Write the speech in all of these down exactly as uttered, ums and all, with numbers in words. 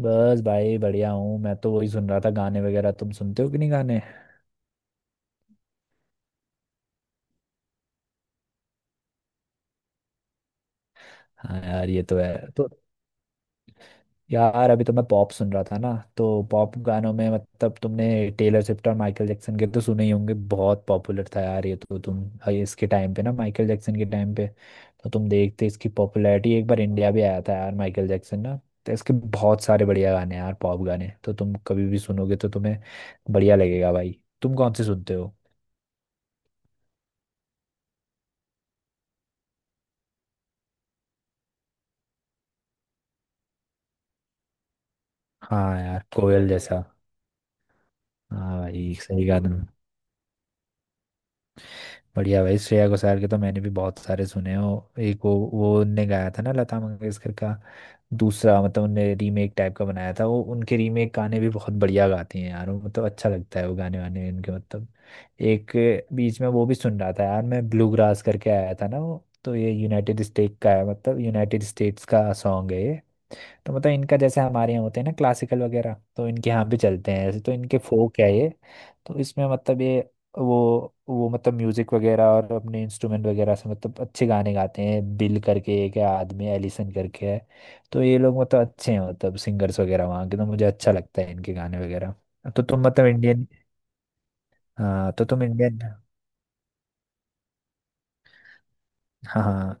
बस भाई बढ़िया हूँ। मैं तो वही सुन रहा था गाने वगैरह। तुम सुनते हो कि नहीं गाने? हाँ यार, ये तो है। तो यार, अभी तो मैं पॉप सुन रहा था ना। तो पॉप गानों में मतलब तुमने टेलर स्विफ्ट और माइकल जैक्सन के तो सुने ही होंगे। बहुत पॉपुलर था यार ये तो। तुम अ, इसके टाइम पे ना, माइकल जैक्सन के टाइम पे, तो तुम देखते इसकी पॉपुलैरिटी। एक बार इंडिया भी आया था यार माइकल जैक्सन ना। तो इसके बहुत सारे बढ़िया गाने हैं यार। पॉप गाने तो तुम कभी भी सुनोगे तो तुम्हें बढ़िया लगेगा भाई। तुम कौन से सुनते हो? हाँ यार, कोयल जैसा। हाँ भाई सही गा तुम। बढ़िया भाई, श्रेया घोषाल के तो मैंने भी बहुत सारे सुने हो। एक वो वो उनने गाया था ना लता मंगेशकर का। दूसरा मतलब उनने रीमेक टाइप का बनाया था वो। उनके रीमेक गाने भी बहुत बढ़िया गाती हैं यार वो। मतलब अच्छा लगता है वो गाने वाने उनके मतलब। एक बीच में वो भी सुन रहा था यार मैं, ब्लू ग्रास करके आया था ना वो। तो ये यूनाइटेड स्टेट का है, मतलब यूनाइटेड स्टेट्स का सॉन्ग है ये। तो मतलब इनका जैसे हमारे यहाँ होते हैं ना क्लासिकल वगैरह, तो इनके यहाँ भी चलते हैं ऐसे। तो इनके फोक है ये। तो इसमें मतलब ये वो वो मतलब म्यूजिक वगैरह और अपने इंस्ट्रूमेंट वगैरह से मतलब अच्छे गाने गाते हैं। बिल करके एक है आदमी, एलिसन करके है। तो ये लोग मतलब अच्छे हैं, मतलब सिंगर्स वगैरह वहाँ के। तो मुझे अच्छा लगता है इनके गाने वगैरह। तो तुम मतलब इंडियन। हाँ तो तुम इंडियन। हाँ हाँ।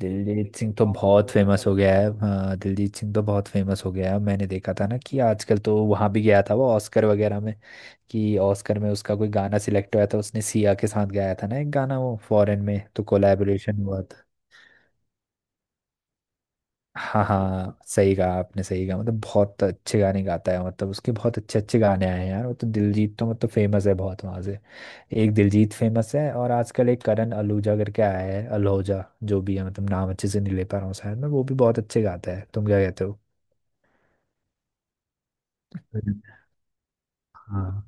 दिलजीत सिंह तो बहुत फेमस हो गया है। हाँ दिलजीत सिंह तो बहुत फेमस हो गया है। मैंने देखा था ना कि आजकल तो वहाँ भी गया था वो ऑस्कर वगैरह में। कि ऑस्कर में उसका कोई गाना सिलेक्ट हुआ था। उसने सिया के साथ गाया था ना एक गाना वो, फॉरेन में तो कोलैबोरेशन हुआ था। हाँ हाँ सही कहा आपने, सही कहा। मतलब बहुत अच्छे गाने गाता है। मतलब उसके बहुत अच्छे अच्छे गाने आए हैं यार वो तो। दिलजीत तो मतलब फेमस है बहुत वहाँ से। एक दिलजीत फेमस है और आजकल एक करण अलूजा करके आया है, अल्होजा, जो भी है। मतलब नाम अच्छे से नहीं ले पा रहा हूँ शायद मैं। वो भी बहुत अच्छे गाता है। तुम क्या कहते हो? हाँ।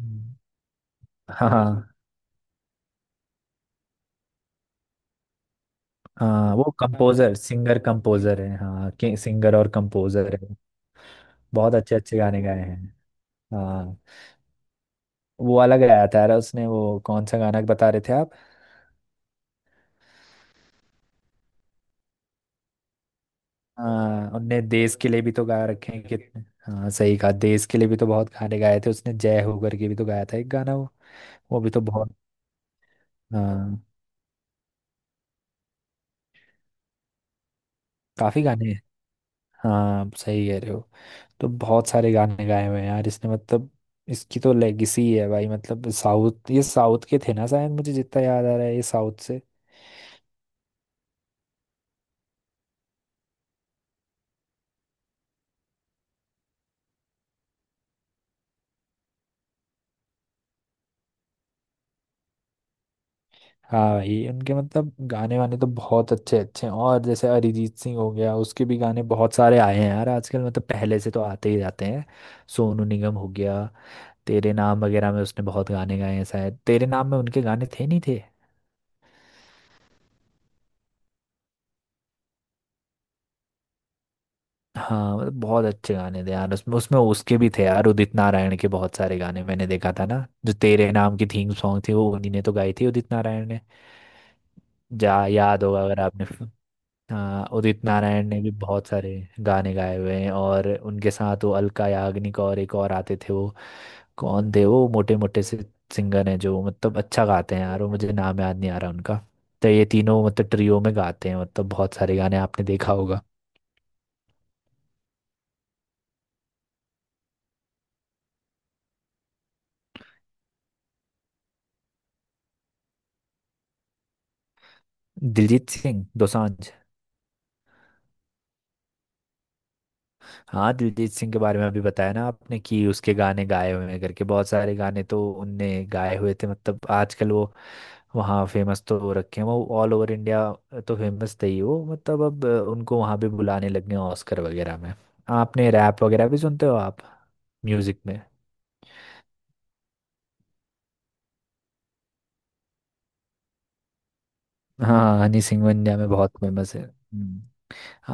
हम्म। हाँ हाँ। हाँ, वो कंपोजर, सिंगर कंपोजर है। हाँ के सिंगर और कंपोजर है। बहुत अच्छे अच्छे गाने गाए हैं। हाँ, वो वाला गाया था यार उसने, वो कौन सा गाना बता रहे थे आप? हाँ, उनने देश के लिए भी तो गा रखे हैं कितने। हाँ सही कहा, देश के लिए भी तो बहुत गाने गाए थे उसने। जय हो करके भी तो गाया था एक गाना वो। वो भी तो बहुत। हाँ काफी गाने हैं। हाँ सही कह रहे हो। तो बहुत सारे गाने गाए हुए हैं यार इसने मतलब। इसकी तो लेगेसी है भाई। मतलब साउथ, ये साउथ के थे ना शायद, मुझे जितना याद आ रहा है, ये साउथ से। हाँ भाई उनके मतलब गाने वाने तो बहुत अच्छे अच्छे हैं। और जैसे अरिजीत सिंह हो गया, उसके भी गाने बहुत सारे आए हैं यार आजकल, मतलब पहले से तो आते ही जाते हैं। सोनू निगम हो गया। तेरे नाम वगैरह में उसने बहुत गाने गाए हैं शायद। तेरे नाम में उनके गाने थे नहीं थे। हाँ मतलब बहुत अच्छे गाने थे यार उसमें उसमें उसके भी थे यार। उदित नारायण के बहुत सारे गाने। मैंने देखा था ना जो तेरे नाम की थीम सॉन्ग थी वो उन्हीं ने तो गाई थी उदित नारायण ने। जा याद होगा अगर आपने। हाँ उदित नारायण ने भी बहुत सारे गाने गाए हुए हैं। और उनके साथ वो अलका याग्निक और एक और आते थे वो, कौन थे वो मोटे मोटे से सिंगर हैं जो मतलब अच्छा गाते हैं यार वो? मुझे नाम याद नहीं आ रहा उनका। तो ये तीनों मतलब ट्रियो में गाते हैं, मतलब बहुत सारे गाने आपने देखा होगा। दिलजीत सिंह दोसांझ। हाँ दिलजीत सिंह के बारे में अभी बताया ना आपने कि उसके गाने गाए हुए हैं करके। बहुत सारे गाने तो उनने गाए हुए थे। मतलब आजकल वो वहाँ फेमस तो हो रखे हैं वो ऑल ओवर इंडिया, तो फेमस थे ही वो। मतलब अब अ, उनको वहाँ भी बुलाने लगे हैं ऑस्कर वगैरह में। आपने रैप वगैरह भी सुनते हो आप म्यूजिक में? हाँ हनी सिंह इंडिया में बहुत फेमस है। हम्म,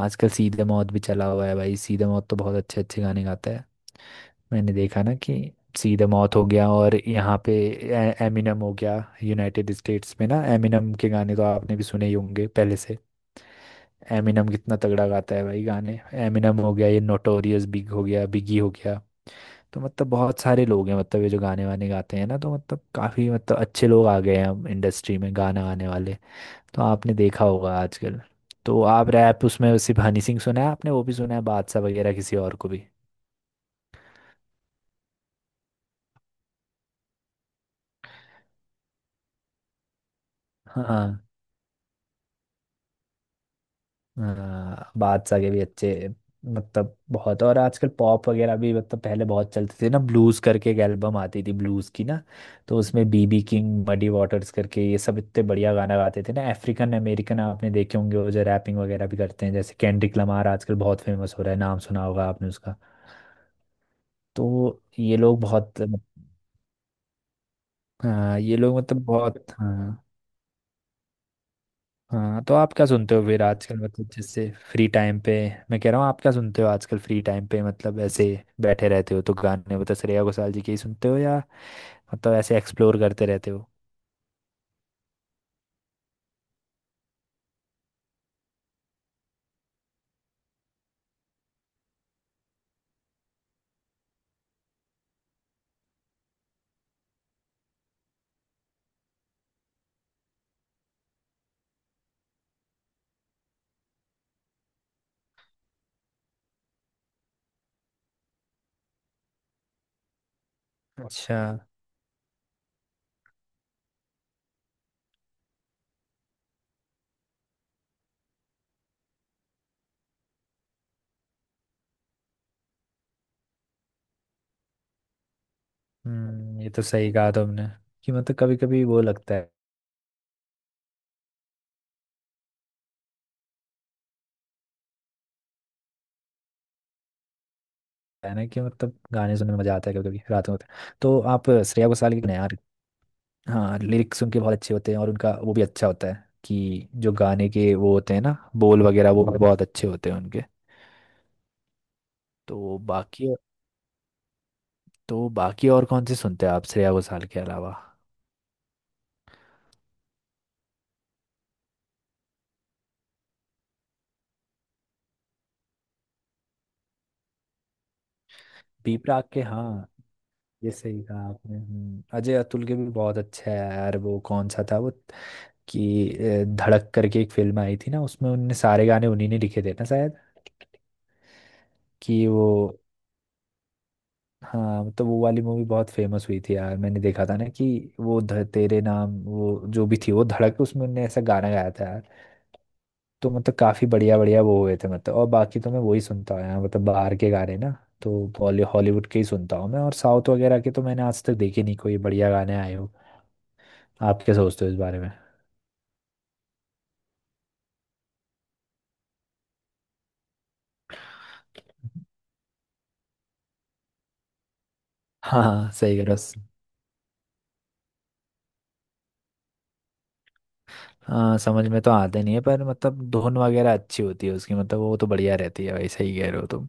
आजकल सीधे मौत भी चला हुआ है भाई। सीधे मौत तो बहुत अच्छे अच्छे गाने गाता है। मैंने देखा ना कि सीधे मौत हो गया और यहाँ पे ए- एमिनम हो गया यूनाइटेड स्टेट्स में ना। एमिनम के गाने तो आपने भी सुने ही होंगे पहले से। एमिनम कितना तगड़ा गाता है भाई गाने। एमिनम हो गया, ये नोटोरियस बिग हो गया, बिगी हो गया। तो मतलब बहुत सारे लोग हैं, मतलब ये जो गाने वाने गाते हैं ना, तो मतलब काफ़ी मतलब अच्छे लोग आ गए हैं अब इंडस्ट्री में गाना गाने वाले। तो आपने देखा होगा आजकल। तो आप रैप उसमें सिर्फ हनी सिंह सुना है आपने? वो भी सुना है बादशाह वगैरह, किसी और को भी? हाँ। हाँ, बादशाह के भी अच्छे, मतलब बहुत। और आजकल पॉप वगैरह भी, मतलब पहले बहुत चलते थे ना ब्लूज करके एक एल्बम आती थी ब्लूज की ना। तो उसमें बीबी किंग, मडी वाटर्स करके ये सब इतने बढ़िया गाना गाते थे ना। अफ्रीकन अमेरिकन आपने देखे होंगे, वो जो रैपिंग वगैरह भी करते हैं, जैसे केंड्रिक लमार आजकल बहुत फेमस हो रहा है, नाम सुना होगा आपने उसका। तो ये लोग बहुत। हाँ ये लोग मतलब बहुत। हाँ हाँ, तो आप क्या सुनते हो फिर आजकल, मतलब जैसे फ्री टाइम पे? मैं कह रहा हूँ आप क्या सुनते हो आजकल फ्री टाइम पे, मतलब ऐसे बैठे रहते हो तो गाने, मतलब श्रेया घोषाल जी के ही सुनते हो या मतलब ऐसे एक्सप्लोर करते रहते हो? अच्छा। हम्म ये तो सही कहा तुमने कि मतलब कभी कभी वो लगता है है ना, कि मतलब गाने सुनने में मजा आता है कभी कभी। रात में होता है तो आप श्रेया घोषाल के गाने यार। हाँ, लिरिक्स उनके बहुत अच्छे होते हैं और उनका वो भी अच्छा होता है कि जो गाने के वो होते हैं ना बोल वगैरह, वो बहुत अच्छे होते हैं उनके। तो बाकी, तो बाकी और कौन से सुनते हैं आप श्रेया घोषाल के अलावा? बी प्राक के, हाँ ये सही कहा आपने। हम्म, अजय अतुल के भी बहुत अच्छा है यार वो। कौन सा था वो कि अ, धड़क करके एक फिल्म आई थी ना, उसमें उनने सारे गाने उन्हीं ने लिखे थे ना शायद। कि वो, हाँ मतलब वो वाली मूवी बहुत फेमस हुई थी यार। मैंने देखा था ना कि वो ध, तेरे नाम, वो जो भी थी वो धड़क, उसमें उनने ऐसा गाना गाया था। तो मतलब काफी बढ़िया बढ़िया वो हुए थे मतलब। और बाकी तो मैं वही सुनता आया हूँ, मतलब बाहर के गाने ना। तो बॉली हॉलीवुड के ही सुनता हूँ मैं, और साउथ वगैरह के तो मैंने आज तक देखे नहीं कोई बढ़िया गाने आए हो। आप क्या सोचते हो इस बारे में? हाँ हाँ सही करो। हाँ समझ में तो आते नहीं है पर मतलब धुन वगैरह अच्छी होती है उसकी, मतलब वो तो बढ़िया रहती है भाई। सही कह रहे हो तुम।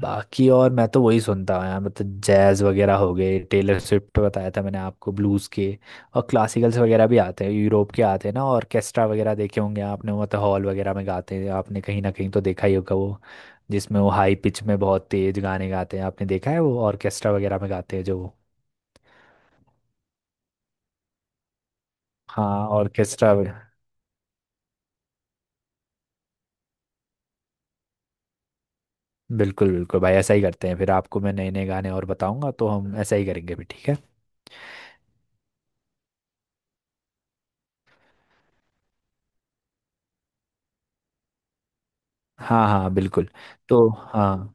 बाकी और मैं तो वही सुनता हूँ यार, मतलब जैज वगैरह हो गए, टेलर स्विफ्ट बताया था मैंने आपको, ब्लूज के। और क्लासिकल्स वगैरह भी आते हैं यूरोप के आते हैं ना, ऑर्केस्ट्रा वगैरह देखे होंगे आपने, मतलब हॉल वगैरह में गाते हैं, आपने कहीं ना कहीं तो देखा ही होगा वो, जिसमें वो हाई पिच में बहुत तेज गाने गाते हैं। आपने देखा है वो ऑर्केस्ट्रा वगैरह में गाते हैं जो। हाँ ऑर्केस्ट्रा। बिल्कुल बिल्कुल भाई, ऐसा ही करते हैं फिर। आपको मैं नए नए गाने और बताऊंगा तो हम ऐसा ही करेंगे भी, ठीक है। हाँ हाँ बिल्कुल। तो हाँ,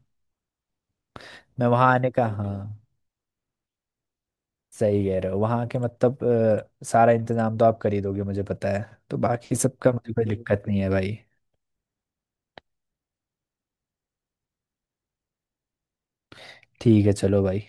मैं वहाँ आने का। हाँ सही कह रहे हो। वहाँ के मतलब अ, सारा इंतजाम तो आप कर ही दोगे मुझे पता है। तो बाकी सबका मुझे कोई दिक्कत नहीं है भाई। ठीक है चलो भाई।